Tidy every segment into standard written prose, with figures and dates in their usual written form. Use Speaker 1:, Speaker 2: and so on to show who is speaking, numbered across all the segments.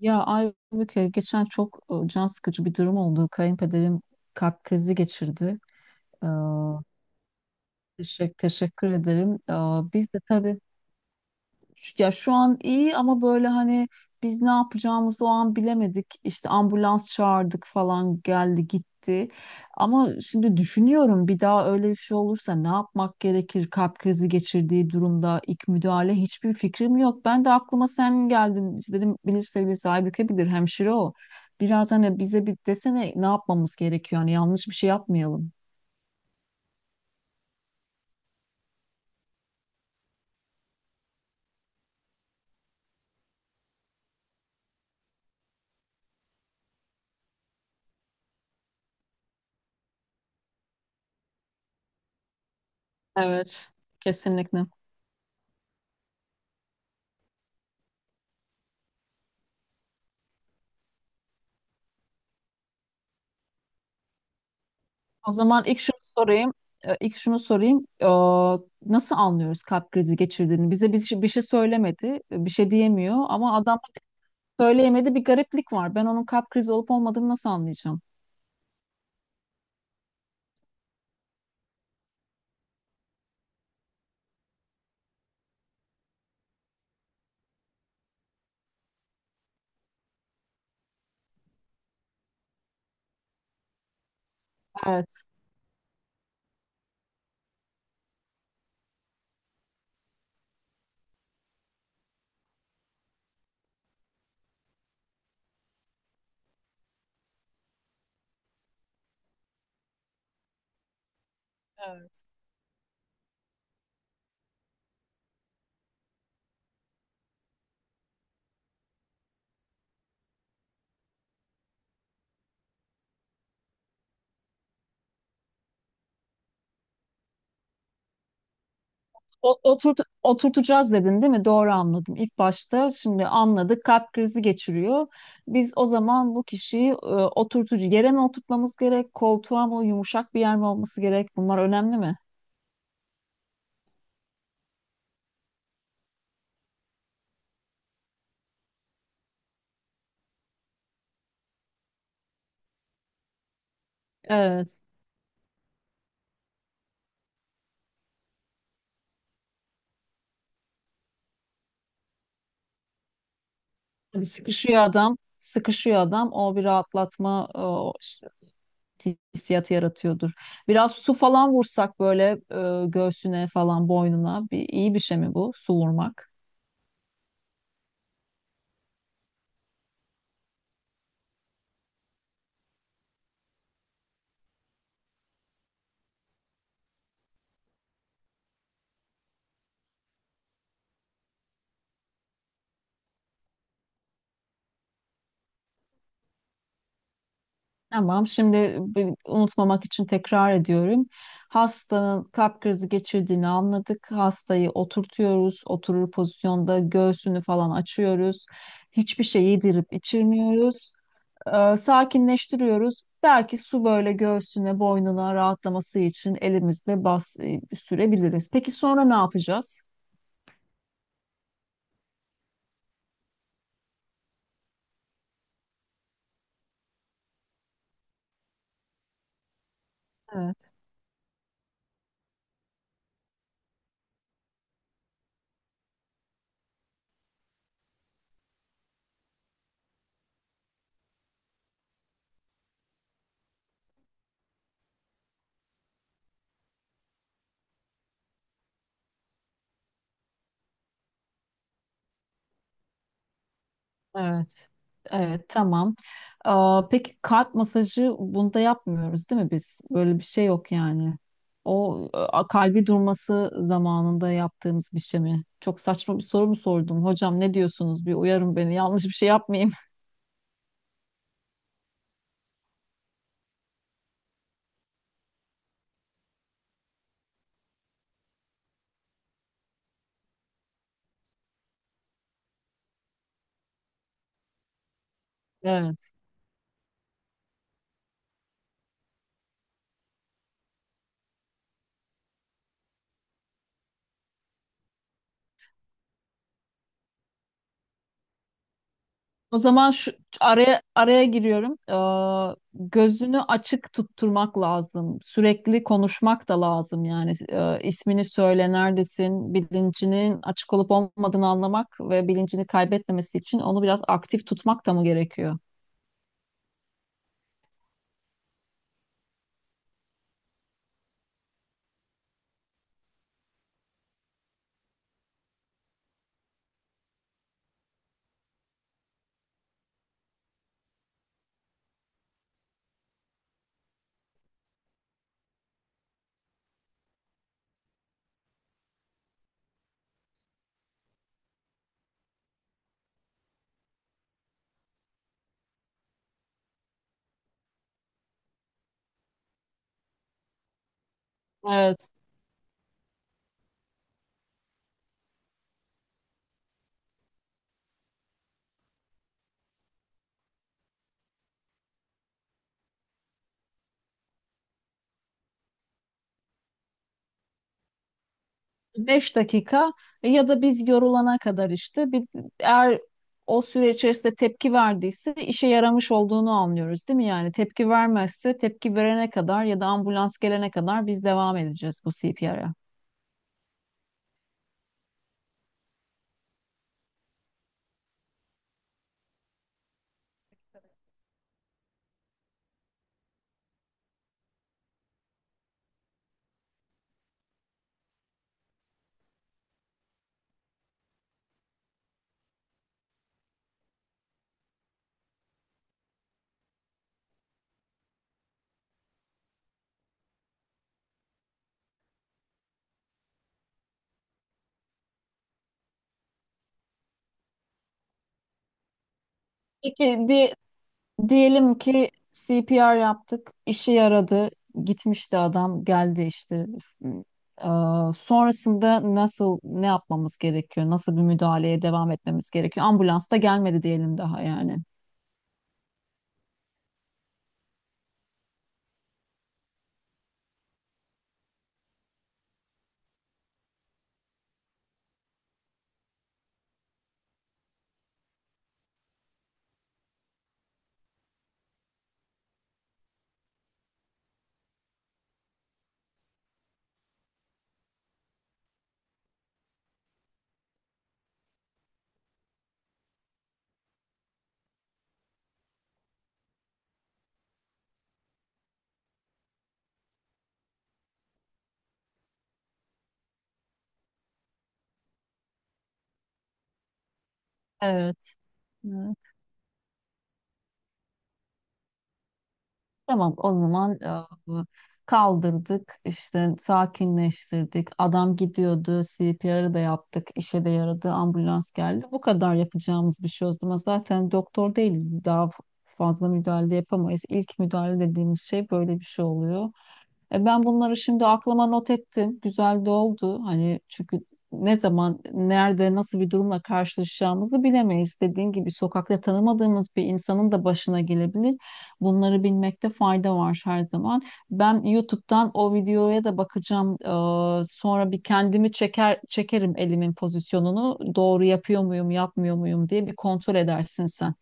Speaker 1: Ya Aybüke geçen çok can sıkıcı bir durum oldu. Kayınpederim kalp krizi geçirdi. Ee, teşekkür ederim. Biz de tabii ya şu an iyi ama böyle hani biz ne yapacağımızı o an bilemedik. İşte ambulans çağırdık falan, geldi gitti. Ama şimdi düşünüyorum, bir daha öyle bir şey olursa ne yapmak gerekir? Kalp krizi geçirdiği durumda ilk müdahale, hiçbir fikrim yok. Ben de aklıma sen geldin. İşte dedim, bilirse bilir Aybüke, bilir, hemşire o. Biraz hani bize bir desene, ne yapmamız gerekiyor? Hani yanlış bir şey yapmayalım. Evet. Kesinlikle. O zaman ilk şunu sorayım. İlk şunu sorayım. Nasıl anlıyoruz kalp krizi geçirdiğini? Bize bir şey, bir şey söylemedi, bir şey diyemiyor ama adam söyleyemedi, bir gariplik var. Ben onun kalp krizi olup olmadığını nasıl anlayacağım? Evet. Evet. Oturt, oturtacağız dedin değil mi? Doğru anladım. İlk başta şimdi anladık, kalp krizi geçiriyor. Biz o zaman bu kişiyi oturtucu, yere mi oturtmamız gerek? Koltuğa mı, yumuşak bir yer mi olması gerek? Bunlar önemli mi? Evet. Tabii sıkışıyor adam, sıkışıyor adam. O bir rahatlatma, o işte hissiyatı yaratıyordur. Biraz su falan vursak böyle göğsüne falan, boynuna, bir, iyi bir şey mi bu su vurmak? Tamam. Şimdi unutmamak için tekrar ediyorum. Hastanın kalp krizi geçirdiğini anladık. Hastayı oturtuyoruz. Oturur pozisyonda göğsünü falan açıyoruz. Hiçbir şey yedirip içirmiyoruz. Sakinleştiriyoruz. Belki su böyle göğsüne, boynuna, rahatlaması için elimizle bas, sürebiliriz. Peki sonra ne yapacağız? Evet, evet. Evet, tamam. Peki kalp masajı bunda yapmıyoruz değil mi biz? Böyle bir şey yok yani. O kalbi durması zamanında yaptığımız bir şey mi? Çok saçma bir soru mu sordum? Hocam ne diyorsunuz? Bir uyarın beni. Yanlış bir şey yapmayayım. O zaman şu araya araya giriyorum. Gözünü açık tutturmak lazım. Sürekli konuşmak da lazım yani. İsmini söyle, neredesin, bilincinin açık olup olmadığını anlamak ve bilincini kaybetmemesi için onu biraz aktif tutmak da mı gerekiyor? Evet. 5 dakika ya da biz yorulana kadar, işte bir, eğer o süre içerisinde tepki verdiyse işe yaramış olduğunu anlıyoruz değil mi? Yani tepki vermezse, tepki verene kadar ya da ambulans gelene kadar biz devam edeceğiz bu CPR'a. Peki diyelim ki CPR yaptık, işe yaradı, gitmişti adam, geldi işte. Sonrasında nasıl, ne yapmamız gerekiyor? Nasıl bir müdahaleye devam etmemiz gerekiyor? Ambulans da gelmedi diyelim daha, yani. Evet. Tamam, o zaman kaldırdık işte, sakinleştirdik, adam gidiyordu, CPR'ı da yaptık, işe de yaradı, ambulans geldi. Bu kadar yapacağımız bir şey o zaman, zaten doktor değiliz, daha fazla müdahale yapamayız. İlk müdahale dediğimiz şey böyle bir şey oluyor. Ben bunları şimdi aklıma not ettim. Güzel de oldu. Hani çünkü ne zaman, nerede, nasıl bir durumla karşılaşacağımızı bilemeyiz. Dediğin gibi sokakta tanımadığımız bir insanın da başına gelebilir. Bunları bilmekte fayda var her zaman. Ben YouTube'dan o videoya da bakacağım. Sonra bir kendimi çeker çekerim elimin pozisyonunu. Doğru yapıyor muyum, yapmıyor muyum diye bir kontrol edersin sen.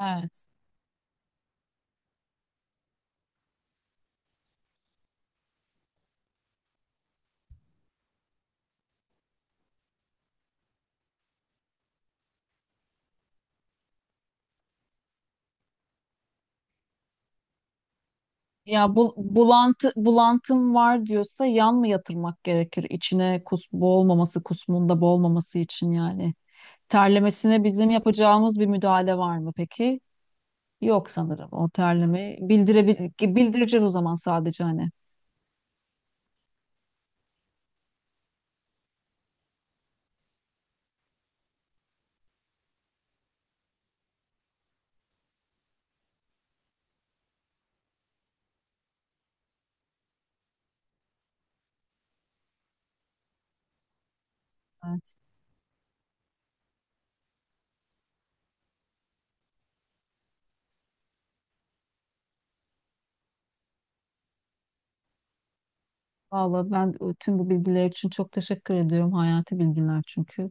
Speaker 1: Evet. Ya bu, bulantı, bulantım var diyorsa yan mı yatırmak gerekir? İçine kus, boğulmaması, kusmunda boğulmaması için yani. Terlemesine bizim yapacağımız bir müdahale var mı peki? Yok sanırım. O terlemeyi bildireceğiz o zaman, sadece hani. Evet. Valla ben tüm bu bilgiler için çok teşekkür ediyorum. Hayati bilgiler çünkü.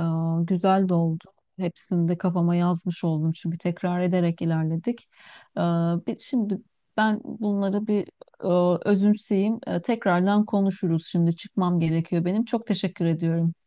Speaker 1: Ee, Güzel de oldu. Hepsini de kafama yazmış oldum çünkü tekrar ederek ilerledik. Ee, Şimdi ben bunları bir özümseyeyim. Tekrardan konuşuruz. Şimdi çıkmam gerekiyor benim. Çok teşekkür ediyorum.